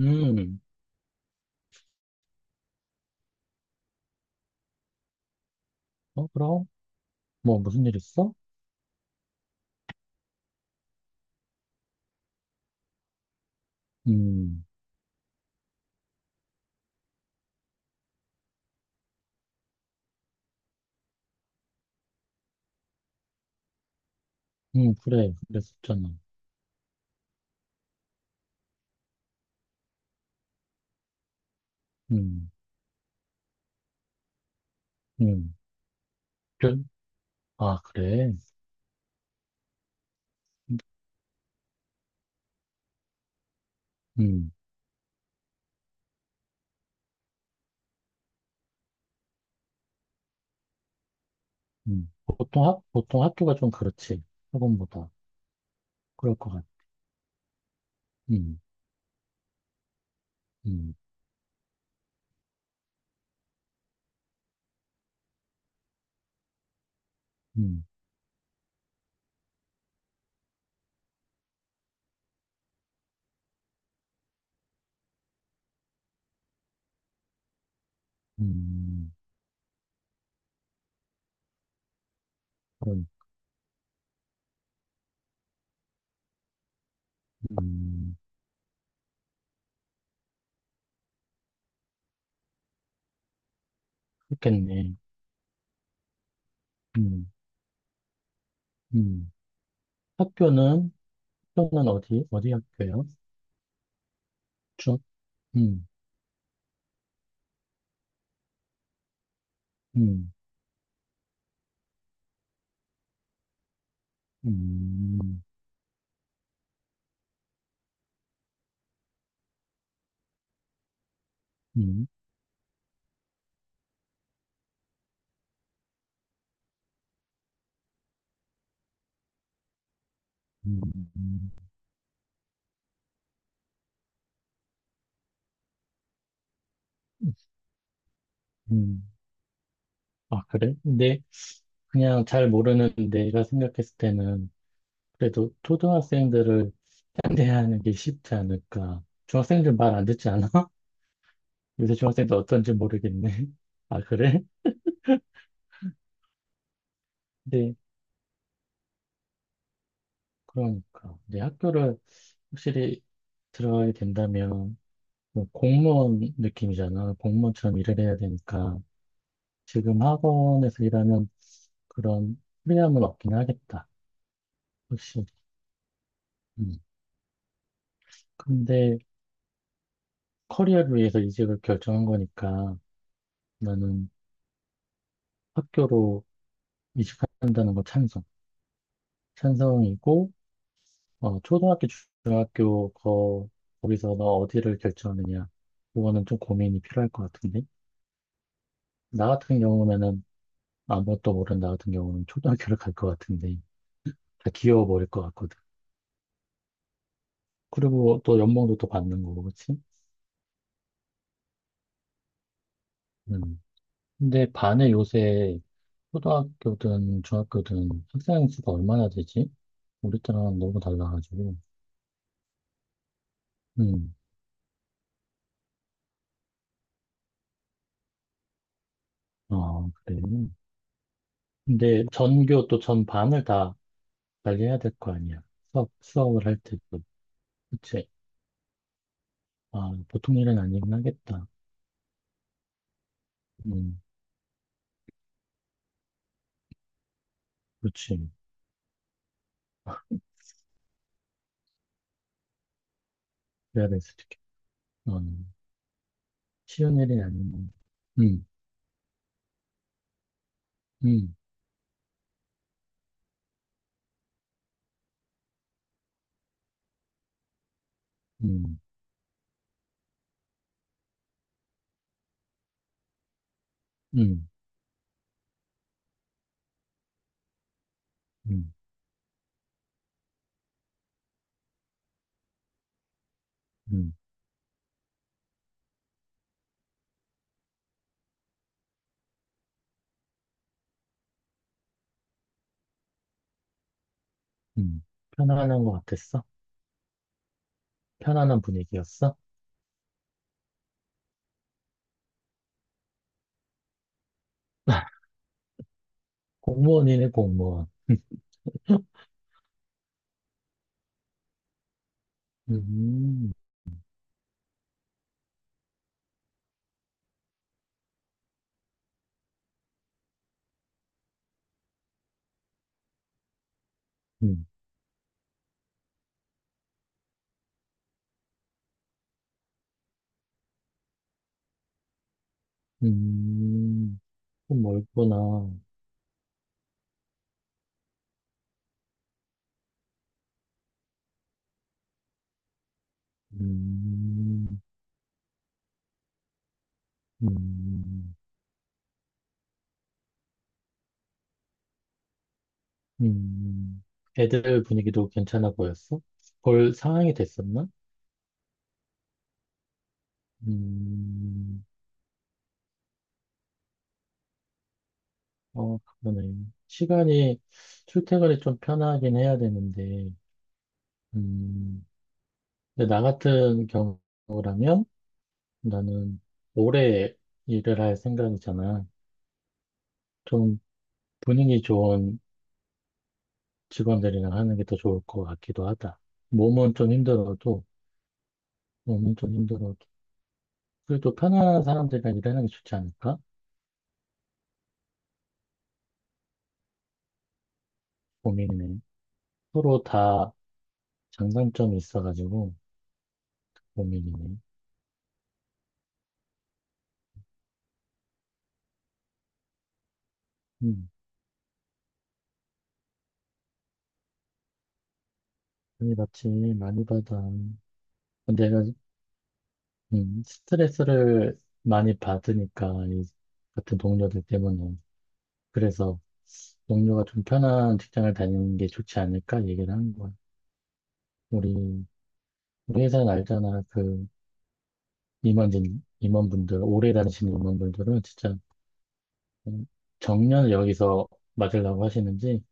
음, 어, 그럼? 뭐, 무슨 일 있어? 음, 그래, 그랬었잖아. 음, 음, 그래? 아, 그래? 음, 보통 학교가 좀 그렇지. 학원보다. 그럴 것 같아. 음, 음, 음, 음, 그럼, 음, 그렇겠네. 음, 음. 학교는, 학교는 어디 학교요. 중, 음, 음, 음, 음, 음, 음, 음. 아, 그래? 근데 그냥 잘 모르는 내가 생각했을 때는 그래도 초등학생들을 상대하는 게 쉽지 않을까. 중학생들 말 안 듣지 않아? 요새 중학생들 어떤지 모르겠네. 아, 그래? 근데 그러니까. 이제 학교를 확실히 들어가게 된다면 뭐 공무원 느낌이잖아. 공무원처럼 일을 해야 되니까. 지금 학원에서 일하면 그런 프리함은 없긴 하겠다. 확실히. 음. 근데 커리어를 위해서 이직을 결정한 거니까 나는 학교로 이직한다는 거 찬성. 찬성이고, 어, 초등학교, 중학교, 거, 거기서 너 어디를 결정하느냐. 그거는 좀 고민이 필요할 것 같은데. 나 같은 경우면은 아무것도 모르는 나 같은 경우는 초등학교를 갈 것 같은데. 다 귀여워 보일 것 같거든. 그리고 또 연봉도 또 받는 거고, 그치? 음. 근데 반에 요새 초등학교든 중학교든 학생 수가 얼마나 되지? 우리 때랑 너무 달라가지고. 음, 어, 그래. 근데 전교 또 전반을 다 관리해야 될 거 아니야. 수업을 할 때도. 그치? 아, 보통 일은 아니긴 하겠다. 음, 그렇지. 그래야 될 수도 있겠 어, 쉬운 일이 아니면. 음, 음, 음, 음, 음, 음, 음. 편안한 것 같았어? 편안한 분위기였어? 공무원이네, 공무원. 음, 음, 음, 좀 멀구나. 음, 음. 음, 애들 분위기도 괜찮아 보였어? 볼 상황이 됐었나? 음, 어, 그러네. 시간이, 출퇴근이 좀 편하긴 해야 되는데, 음, 근데 나 같은 경우라면 나는 오래 일을 할 생각이잖아. 좀 분위기 좋은 직원들이랑 하는 게 더 좋을 것 같기도 하다. 몸은 좀 힘들어도, 몸은 좀 힘들어도, 그래도 편안한 사람들이랑 일하는 게 좋지 않을까? 고민이네. 서로 다 장단점이 있어가지고 고민이네. 음, 아니, 맞지. 많이 받아. 내가 스트레스를 많이 받으니까 이 같은 동료들 때문에 그래서 동료가 좀 편한 직장을 다니는 게 좋지 않을까 얘기를 하는 거야. 우리 우리 회사는 알잖아. 그 임원진 임원분들 오래 다니시는 임원분들은 진짜 음, 정년을 여기서 맞으려고 하시는지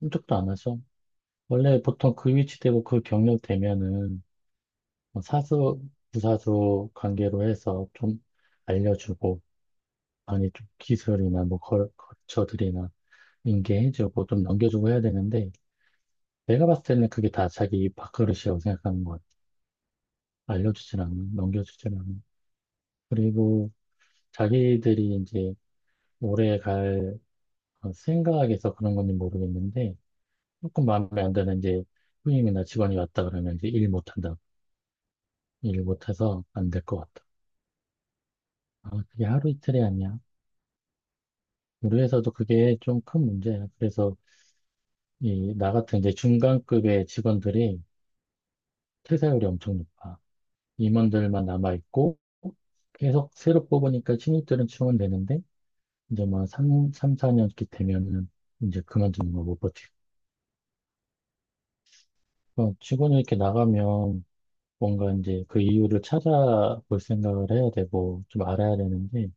꿈쩍도 안 하셔. 원래 보통 그 위치 되고 그 경력 되면은 사수, 부사수 관계로 해서 좀 알려주고, 아니, 좀 기술이나 뭐 거처들이나 인계해주고 좀 넘겨주고 해야 되는데, 내가 봤을 때는 그게 다 자기 밥그릇이라고 생각하는 것 같아. 알려주진 않아, 넘겨주진 않아. 그리고 자기들이 이제 오래 갈 어, 생각에서 그런 건지 모르겠는데, 조금 마음에 안 드는 이제 후임이나 직원이 왔다 그러면 이제 일 못한다. 일 못해서 안 될 것 같다. 아, 그게 하루 이틀이 아니야. 우리 회사도 그게 좀 큰 문제야. 그래서 이 나 같은 이제 중간급의 직원들이 퇴사율이 엄청 높아. 임원들만 남아있고 계속 새로 뽑으니까 신입들은 지원되는데 이제 뭐 3, 삼 4년 이렇게 되면은 이제 그만두는 거 못 버티고 어, 직원이 이렇게 나가면 뭔가 이제 그 이유를 찾아볼 생각을 해야 되고 좀 알아야 되는데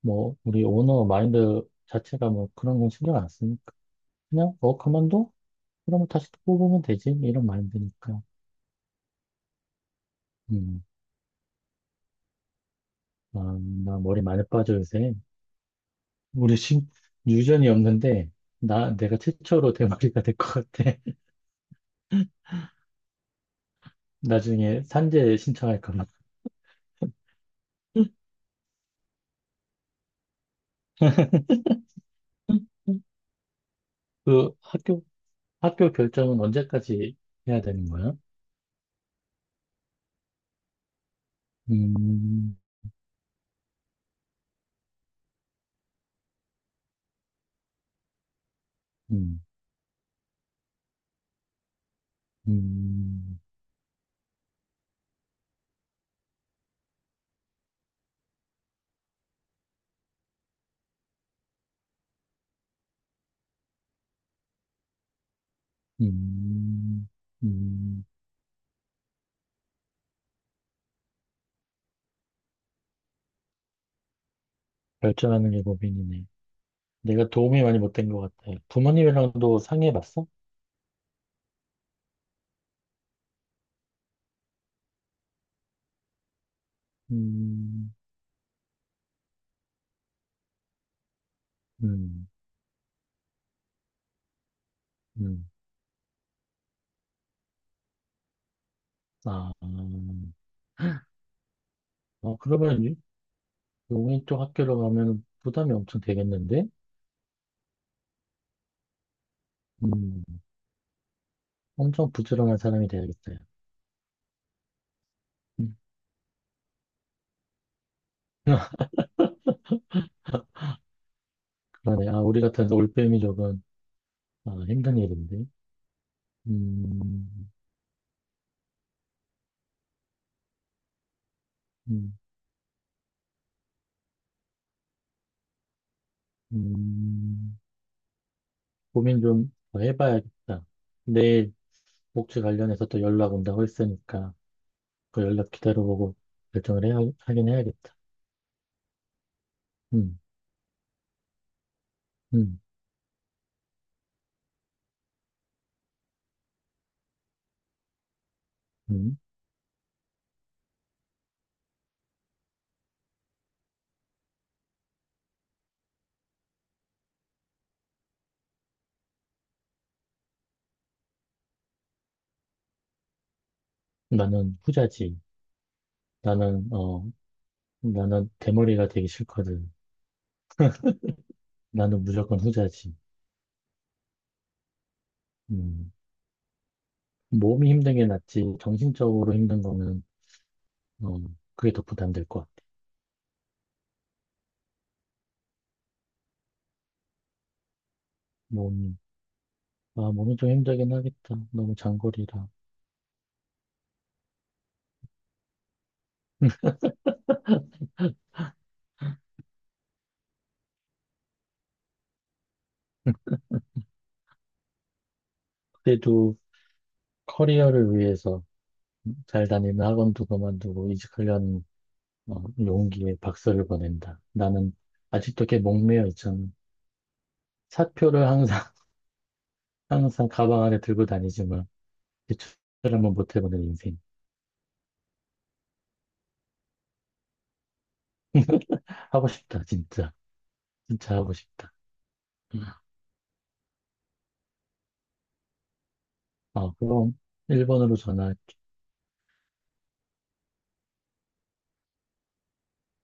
뭐 우리 오너 마인드 자체가 뭐 그런 건 신경 안 쓰니까 그냥 어 그만둬? 그러면 다시 또 뽑으면 되지. 이런 마인드니까. 음, 아, 나 머리 많이 빠져 요새. 우리 신, 유전이 없는데, 내가 최초로 대머리가 될 것 같아. 나중에 산재 신청할까 봐. 그 학교, 학교 결정은 언제까지 해야 되는 거야? 음, 음, 음, 음, 음. 결정하는 게 고민이네. 내가 도움이 많이 못 된 것 같아. 부모님이랑도 상의해봤어? 음, 음, 음. 아, 어, 그러면 용인 쪽 학교로 가면 부담이 엄청 되겠는데? 음, 엄청 부지런한 사람이 돼야겠어요. 음, 그러네. 아, 우리 같은 올빼미족은 아, 힘든 일인데. 음, 음, 음, 고민 좀 더 해봐야겠다. 내일 복지 관련해서 또 연락 온다고 했으니까 그 연락 기다려보고 결정을 해야, 하긴 해야겠다. 음, 음, 음. 나는 후자지. 나는, 어, 나는 대머리가 되기 싫거든. 나는 무조건 후자지. 음, 몸이 힘든 게 낫지, 정신적으로 힘든 거는, 어, 그게 더 부담될 것 같아. 몸이, 아, 몸이 좀 힘들긴 하겠다. 너무 장거리라. 그래도 커리어를 위해서 잘 다니는 학원도 그만두고 이직하려는 어, 용기에 박수를 보낸다. 나는 아직도 꽤 목매어 있잖아. 사표를 항상, 항상 가방 안에 들고 다니지만, 대출을 한번 못 해보는 인생. 하고 싶다, 진짜. 진짜 하고 싶다. 음. 아, 그럼 1번으로 전화.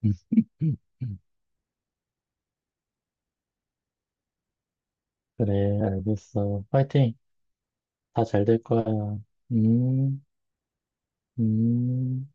그래, 알겠어. 파이팅. 다 잘 될 거야. 음, 음.